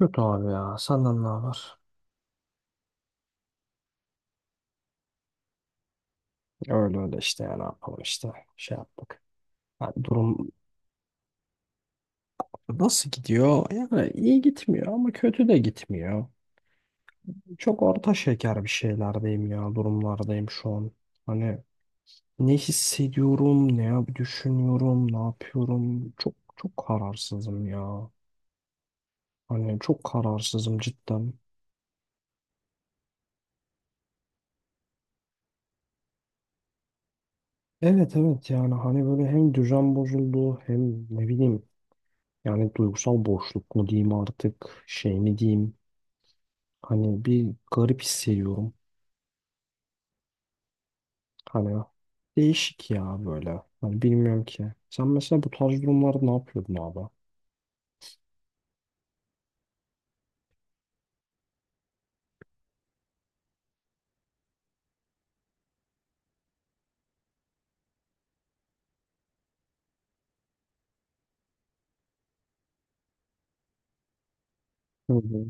Kötü abi ya. Senden ne haber? Öyle öyle işte ya, ne yapalım işte şey yaptık. Ha, durum nasıl gidiyor? Yani iyi gitmiyor ama kötü de gitmiyor. Çok orta şeker bir şeylerdeyim ya, durumlardayım şu an. Hani ne hissediyorum, düşünüyorum, ne yapıyorum? Çok çok kararsızım ya. Hani çok kararsızım cidden. Evet evet, yani hani böyle hem düzen bozuldu hem ne bileyim, yani duygusal boşluk mu diyeyim artık, şey mi diyeyim. Hani bir garip hissediyorum. Hani değişik ya böyle. Hani bilmiyorum ki. Sen mesela bu tarz durumlarda ne yapıyordun abi? Hı hı.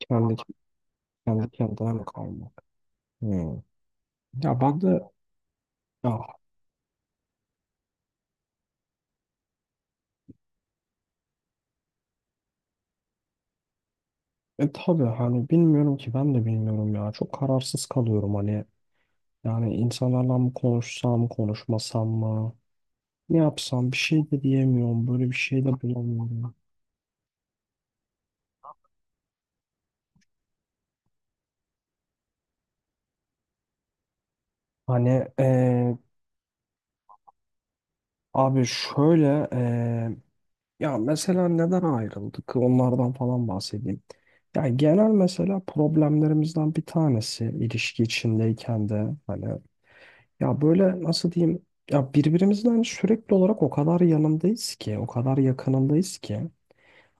Kendi, kendi kendine mi kalmak? Hı. Ya ben de ya, tabii hani bilmiyorum ki, ben de bilmiyorum ya. Çok kararsız kalıyorum hani. Yani insanlarla mı konuşsam, konuşmasam mı? Ne yapsam bir şey de diyemiyorum. Böyle bir şey de bulamıyorum. Hani abi şöyle. Ya mesela neden ayrıldık? Onlardan falan bahsedeyim. Ya genel mesela problemlerimizden bir tanesi, ilişki içindeyken de hani ya böyle nasıl diyeyim, ya birbirimizden sürekli olarak o kadar yanındayız ki, o kadar yakınındayız ki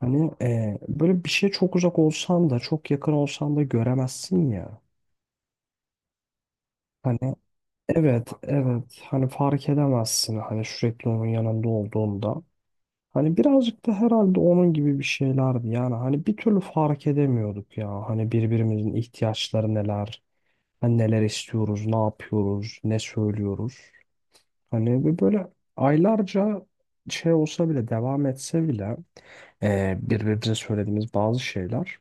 hani böyle bir şey, çok uzak olsan da çok yakın olsan da göremezsin ya. Hani evet evet, hani fark edemezsin hani, sürekli onun yanında olduğunda. Hani birazcık da herhalde onun gibi bir şeylerdi. Yani hani bir türlü fark edemiyorduk ya. Hani birbirimizin ihtiyaçları neler, hani neler istiyoruz, ne yapıyoruz, ne söylüyoruz. Hani ve böyle aylarca şey olsa bile, devam etse bile birbirimize söylediğimiz bazı şeyler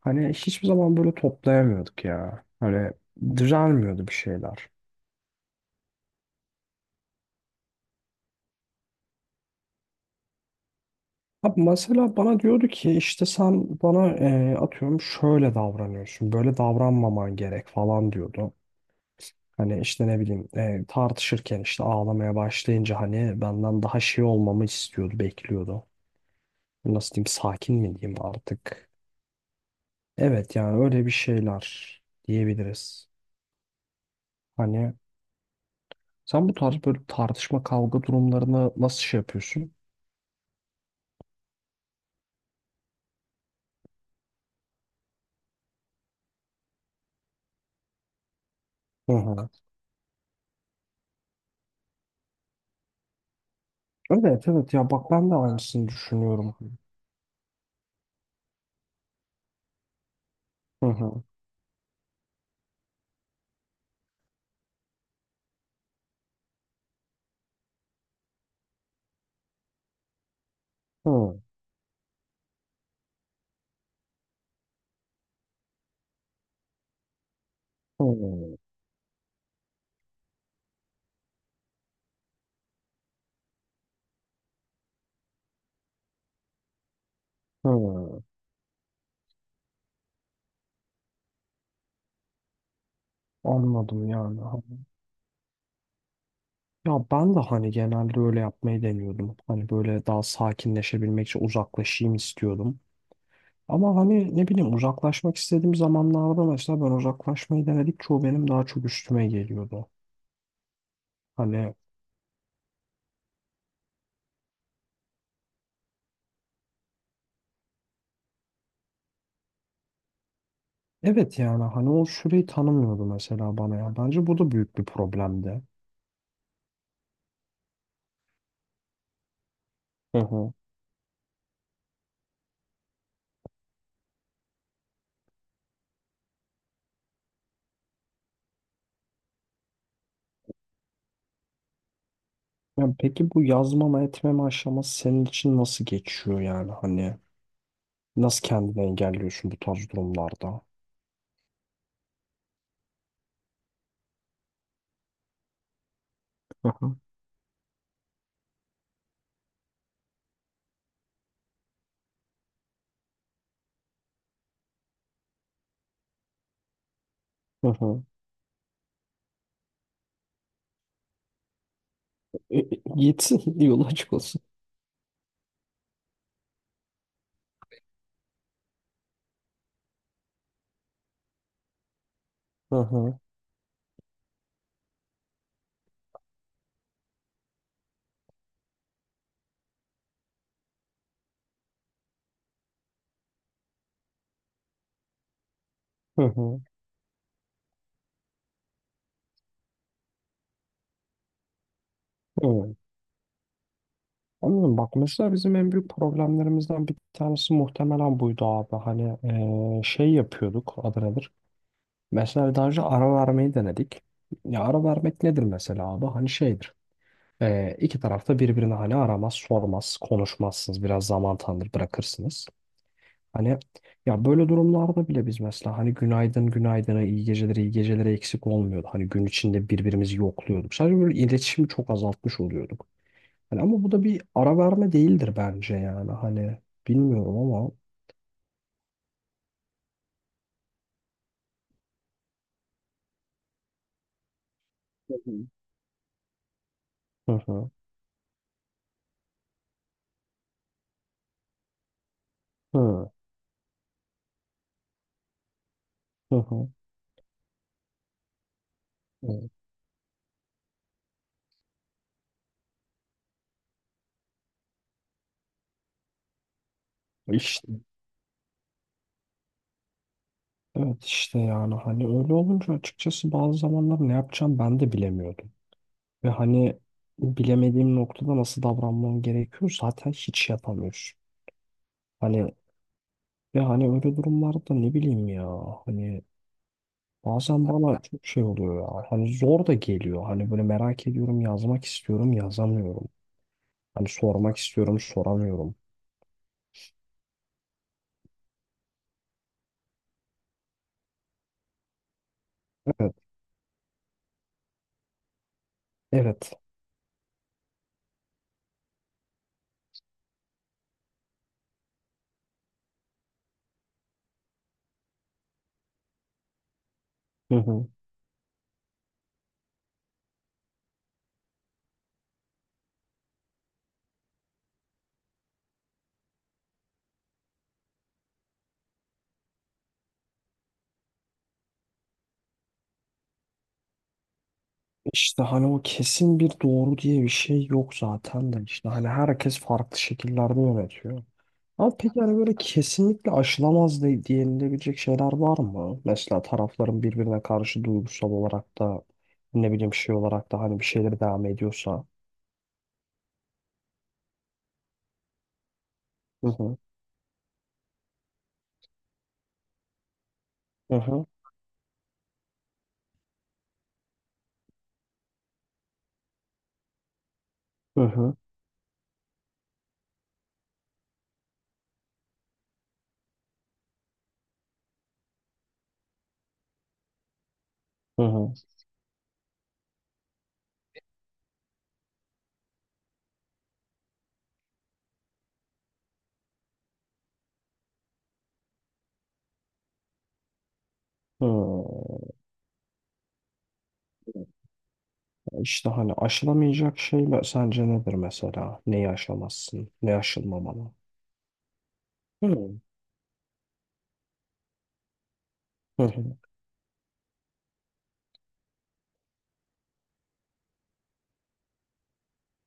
hani hiçbir zaman böyle toplayamıyorduk ya. Hani düzelmiyordu bir şeyler. Abi mesela bana diyordu ki, işte sen bana atıyorum şöyle davranıyorsun, böyle davranmaman gerek falan diyordu. Hani işte ne bileyim, tartışırken işte ağlamaya başlayınca hani benden daha şey olmamı istiyordu, bekliyordu. Nasıl diyeyim, sakin mi diyeyim artık. Evet, yani öyle bir şeyler diyebiliriz. Hani sen bu tarz böyle tartışma kavga durumlarını nasıl şey yapıyorsun? Hı hı. Evet evet, ya bak ben de aynısını düşünüyorum. Hı hı. Hı, hı, hı. Anladım yani. Ha. Ya ben de hani genelde öyle yapmayı deniyordum. Hani böyle daha sakinleşebilmek için uzaklaşayım istiyordum. Ama hani ne bileyim, uzaklaşmak istediğim zamanlarda mesela ben uzaklaşmayı denedik, çoğu benim daha çok üstüme geliyordu. Hani evet, yani hani o süreyi tanımıyordu mesela bana ya. Bence bu da büyük bir problemdi. Hı hı. Yani peki bu yazmama etmeme aşaması senin için nasıl geçiyor, yani hani? Nasıl kendini engelliyorsun bu tarz durumlarda? Hı hı, hı hı. E, e, Gitsin yolu açık olsun. Hı hı, hı hı, evet. Anladım. Bak mesela bizim en büyük problemlerimizden bir tanesi muhtemelen buydu abi. Hani şey yapıyorduk, adı nedir? Mesela daha önce ara vermeyi denedik. Ya ara vermek nedir mesela abi? Hani şeydir. İki tarafta birbirine hani aramaz, sormaz, konuşmazsınız. Biraz zaman tanır, bırakırsınız. Hani ya böyle durumlarda bile biz mesela hani günaydın günaydına, iyi gecelere iyi gecelere eksik olmuyordu. Hani gün içinde birbirimizi yokluyorduk. Sadece böyle iletişimi çok azaltmış oluyorduk. Hani ama bu da bir ara verme değildir bence yani. Hani bilmiyorum ama. Hı hı. Hı hı. Hı hı. Hı. Evet. İşte, evet işte yani hani öyle olunca açıkçası bazı zamanlar ne yapacağım ben de bilemiyordum. Ve hani bilemediğim noktada, nasıl davranmam gerekiyor zaten hiç yapamıyorsun. Hani. Ya hani öyle durumlarda ne bileyim ya. Hani bazen bana çok şey oluyor ya. Hani zor da geliyor. Hani böyle merak ediyorum, yazmak istiyorum, yazamıyorum. Hani sormak istiyorum, soramıyorum. Evet. Evet. Hı hı. İşte hani o kesin bir doğru diye bir şey yok zaten de, işte hani herkes farklı şekillerde yönetiyor. Ama peki hani böyle kesinlikle aşılamaz diyenilebilecek şeyler var mı? Mesela tarafların birbirine karşı duygusal olarak da ne bileyim, şey olarak da hani bir şeyler devam ediyorsa. Hı hı, hı hı, hı hı, hı hı. Hı. İşte hani aşılamayacak şeyler sence nedir mesela? Neyi aşamazsın? Ne aşılmamalı? Hı hı, hı hı,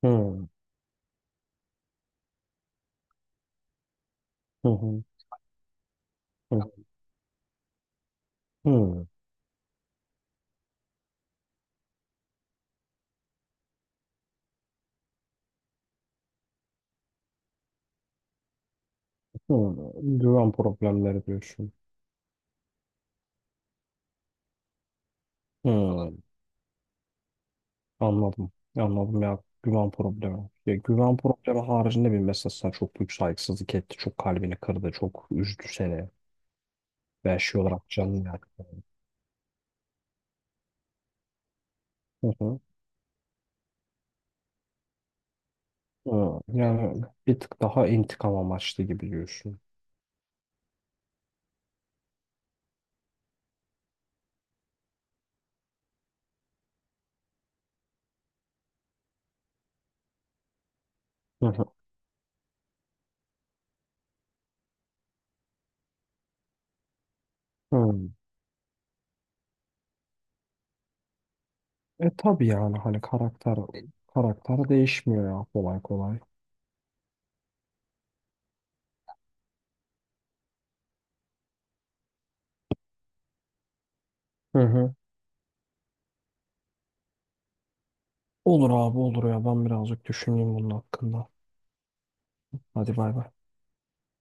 hı hı, hı hı, hı. Güven problemleri diyorsun. Hı, anladım. Anladım ya, güven problemi. Ya güven problemi haricinde, bir mesela sana çok büyük saygısızlık etti. Çok kalbini kırdı. Çok üzdü seni. Ve şey olarak canını yaktı. Hı. Yani bir tık daha intikam amaçlı gibi diyorsun. Hı hı. Hı. E tabii, yani hani karakter değişmiyor ya, kolay kolay. Hı hı. Olur abi, olur ya, ben birazcık düşüneyim bunun hakkında. Hadi bay bay.